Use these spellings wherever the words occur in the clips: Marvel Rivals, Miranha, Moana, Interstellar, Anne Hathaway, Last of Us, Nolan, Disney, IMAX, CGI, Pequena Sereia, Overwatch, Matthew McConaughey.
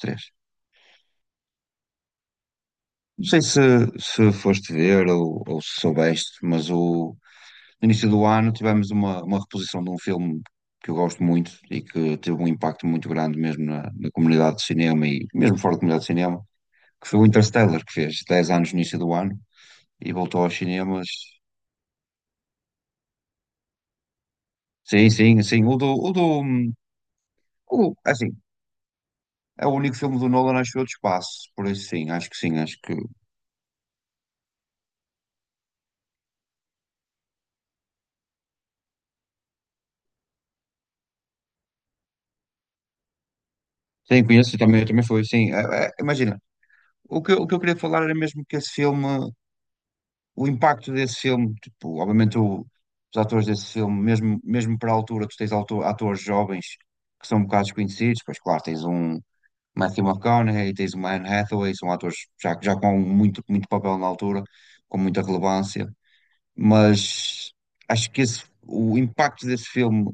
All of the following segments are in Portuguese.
Três. Não sei se, se foste ver ou se soubeste, mas o, no início do ano tivemos uma reposição de um filme que eu gosto muito e que teve um impacto muito grande mesmo na, na comunidade de cinema e mesmo fora da comunidade de cinema, que foi o Interstellar, que fez 10 anos no início do ano e voltou aos cinemas. Sim, sim, sim. O do, o do, o, assim, é o único filme do Nolan, acho eu, de espaço, por isso sim, acho que sim, acho que. Sim, conheço também, também foi, sim. É, é, imagina, o que, o que eu queria falar era mesmo que esse filme o impacto desse filme, tipo, obviamente os atores desse filme, mesmo, mesmo para a altura, tu tens atores jovens que são um bocado desconhecidos, pois claro, tens um Matthew McConaughey, tens um Anne Hathaway, são atores já, já com muito, muito papel na altura, com muita relevância, mas acho que esse, o impacto desse filme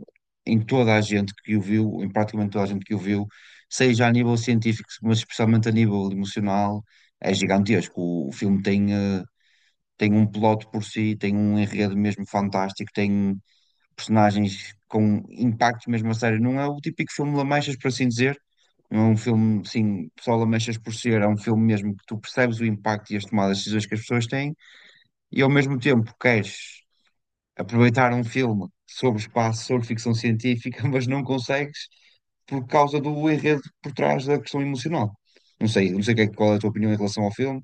em toda a gente que o viu, em praticamente toda a gente que o viu, seja a nível científico, mas especialmente a nível emocional, é gigantesco. O filme tem... eh, tem um plot por si, tem um enredo mesmo fantástico, tem personagens com impacto mesmo a sério. Não é o típico filme Lamechas, por assim dizer. Não é um filme, sim, só Lamechas por ser. É um filme mesmo que tu percebes o impacto e as tomadas de decisões que as pessoas têm e ao mesmo tempo queres aproveitar um filme sobre espaço, sobre ficção científica, mas não consegues por causa do enredo por trás da questão emocional. Não sei, não sei qual é a tua opinião em relação ao filme.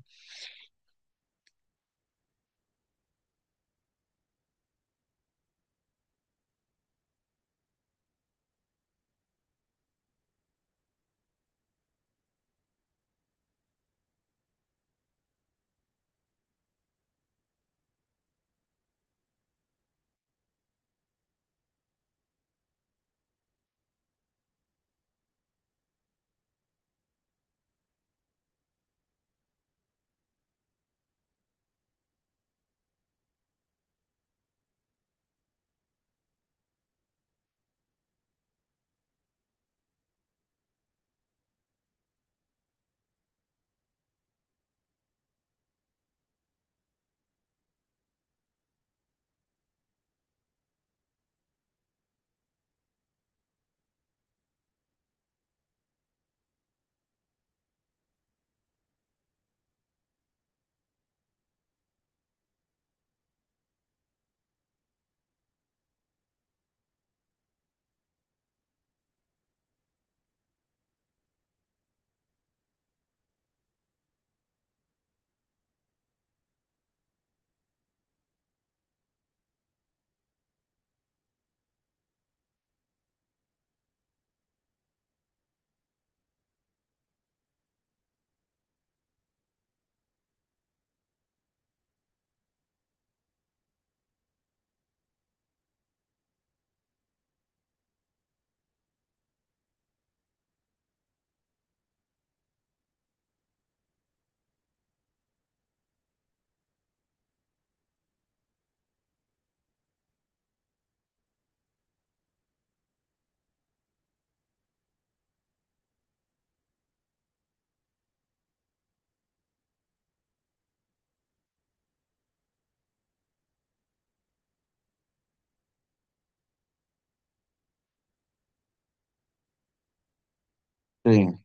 Sim,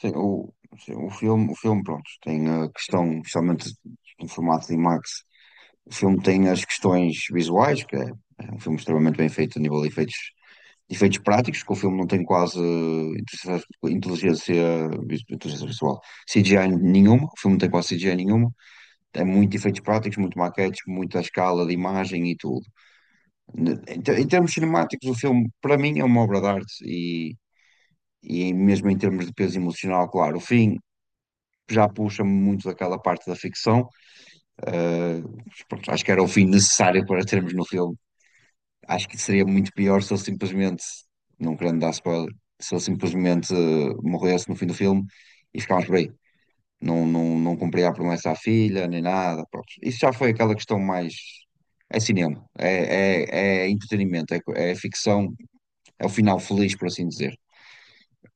sim, o, sim, o filme, pronto, tem a questão, especialmente em formato IMAX, o filme tem as questões visuais, que é, é um filme extremamente bem feito a nível de efeitos práticos, que o filme não tem quase inteligência, inteligência visual, CGI nenhuma, o filme não tem quase CGI nenhuma, tem muito efeitos práticos, muito maquetes, muita escala de imagem e tudo. Em em termos cinemáticos, o filme, para mim, é uma obra de arte e mesmo em termos de peso emocional, claro, o fim já puxa-me muito daquela parte da ficção. eh, Pronto, acho que era o fim necessário para termos no filme. Acho que seria muito pior se ele simplesmente, não querendo dar spoiler, se ele simplesmente morresse no fim do filme e ficámos por aí. Não, não, não cumpria a promessa à filha, nem nada. Pronto. Isso já foi aquela questão mais. É cinema, é, é, é entretenimento, é ficção. É o final feliz, por assim dizer.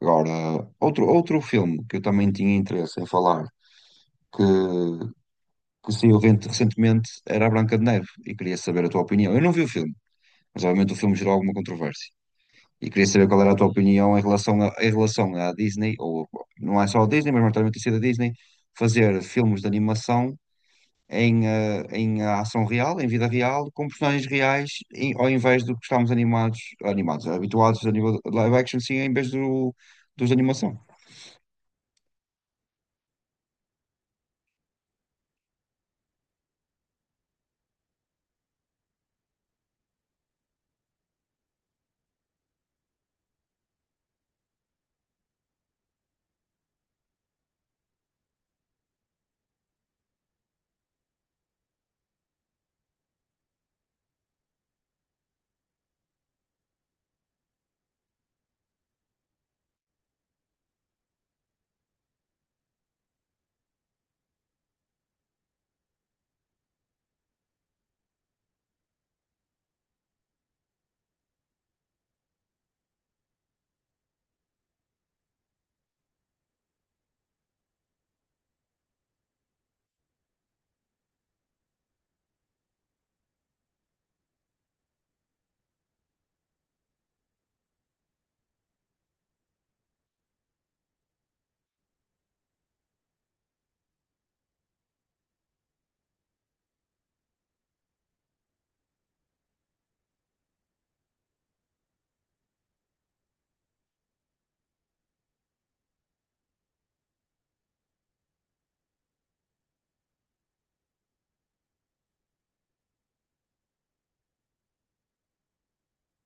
Agora, outro, outro filme que eu também tinha interesse em falar, que, que saiu recentemente, era A Branca de Neve, e queria saber a tua opinião. Eu não vi o filme, mas obviamente o filme gerou alguma controvérsia. E queria saber qual era a tua opinião em relação, a, em relação à Disney, ou não é só a Disney, mas maioritariamente tem sido a Disney, fazer filmes de animação em, em ação real, em vida real, com personagens reais, ao invés do que estamos animados, animados, habituados a nível de live action, sim, em vez do, dos animação.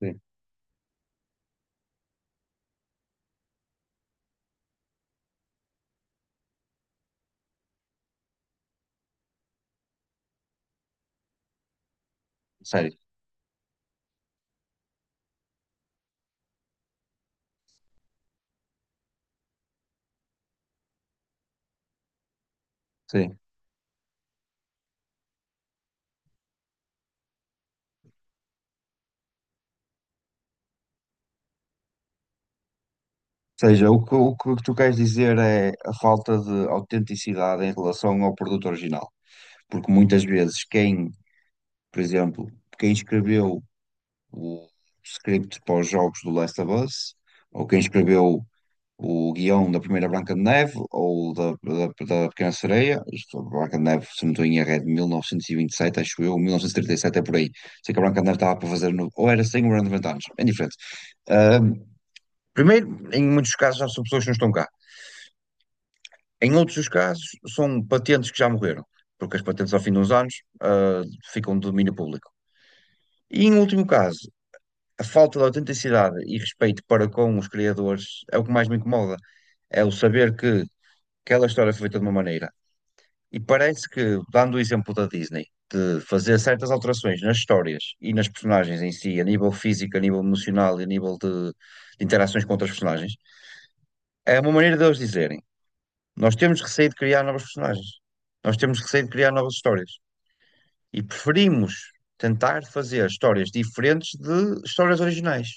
Sim, sério, sim. Ou seja, o que tu queres dizer é a falta de autenticidade em relação ao produto original. Porque muitas vezes quem, por exemplo, quem escreveu o script para os jogos do Last of Us, ou quem escreveu o guião da primeira Branca de Neve, ou da, da, da Pequena Sereia, isto, a Branca de Neve, se não estou em erro, é de 1927 acho eu, 1937 é por aí. Sei que a Branca de Neve estava para fazer, no, ou era 100 ou era 90 anos, é diferente. Primeiro, em muitos casos já são pessoas que não estão cá. Em outros dos casos, são patentes que já morreram, porque as patentes ao fim de uns anos ah, ficam de domínio público. E em último caso, a falta de autenticidade e respeito para com os criadores é o que mais me incomoda. É o saber que aquela história foi feita de uma maneira. E parece que, dando o exemplo da Disney, de fazer certas alterações nas histórias e nas personagens em si, a nível físico, a nível emocional e a nível de interações com outras personagens, é uma maneira deles dizerem. Nós temos receio de criar novos personagens. Nós temos receio de criar novas histórias. E preferimos tentar fazer histórias diferentes de histórias originais.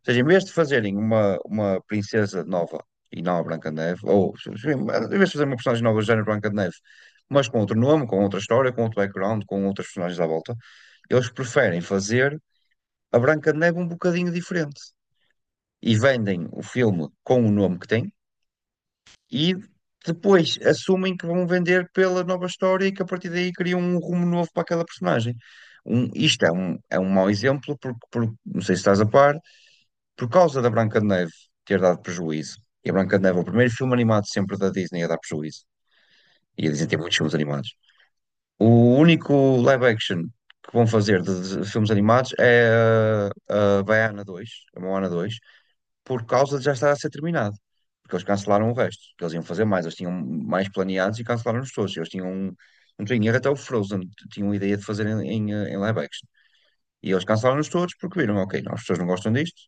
Ou seja, em vez de fazerem uma princesa nova e não a Branca de Neve, ou em vez de fazer uma personagem nova do género Branca de Neve, mas com outro nome, com outra história, com outro background, com outras personagens à volta, eles preferem fazer a Branca de Neve um bocadinho diferente. E vendem o filme com o nome que tem, e depois assumem que vão vender pela nova história e que a partir daí criam um rumo novo para aquela personagem. Um, isto é um mau exemplo, porque, não sei se estás a par, por causa da Branca de Neve ter dado prejuízo, e a Branca de Neve é o primeiro filme animado sempre da Disney a dar prejuízo, e a Disney tem muitos filmes animados. O único live action que vão fazer de filmes animados é a Baiana 2, a Moana 2 por causa de já estar a ser terminado. Porque eles cancelaram o resto. Que Eles iam fazer mais, eles tinham mais planeados e cancelaram-nos todos. Eles tinham, não tenho erro, até o Frozen tinham a ideia de fazer em, em, em live action. E eles cancelaram-nos todos porque viram, ok, não, as pessoas não gostam disto.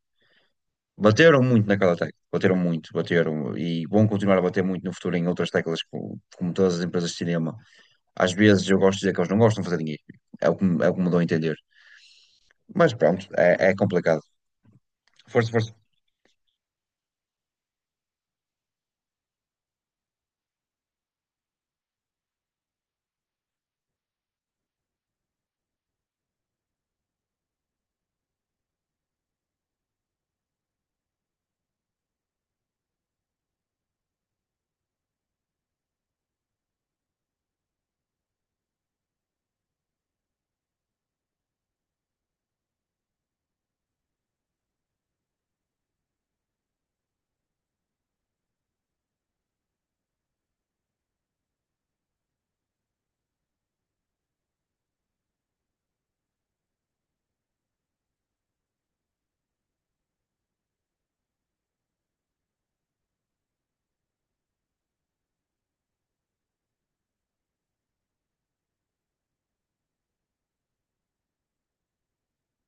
Bateram muito naquela tecla, bateram muito, bateram e vão continuar a bater muito no futuro em outras teclas, como, como todas as empresas de cinema. Às vezes eu gosto de dizer que eles não gostam de fazer dinheiro, é o que, é o que me dou a entender. Mas pronto, é, é complicado. Força, força.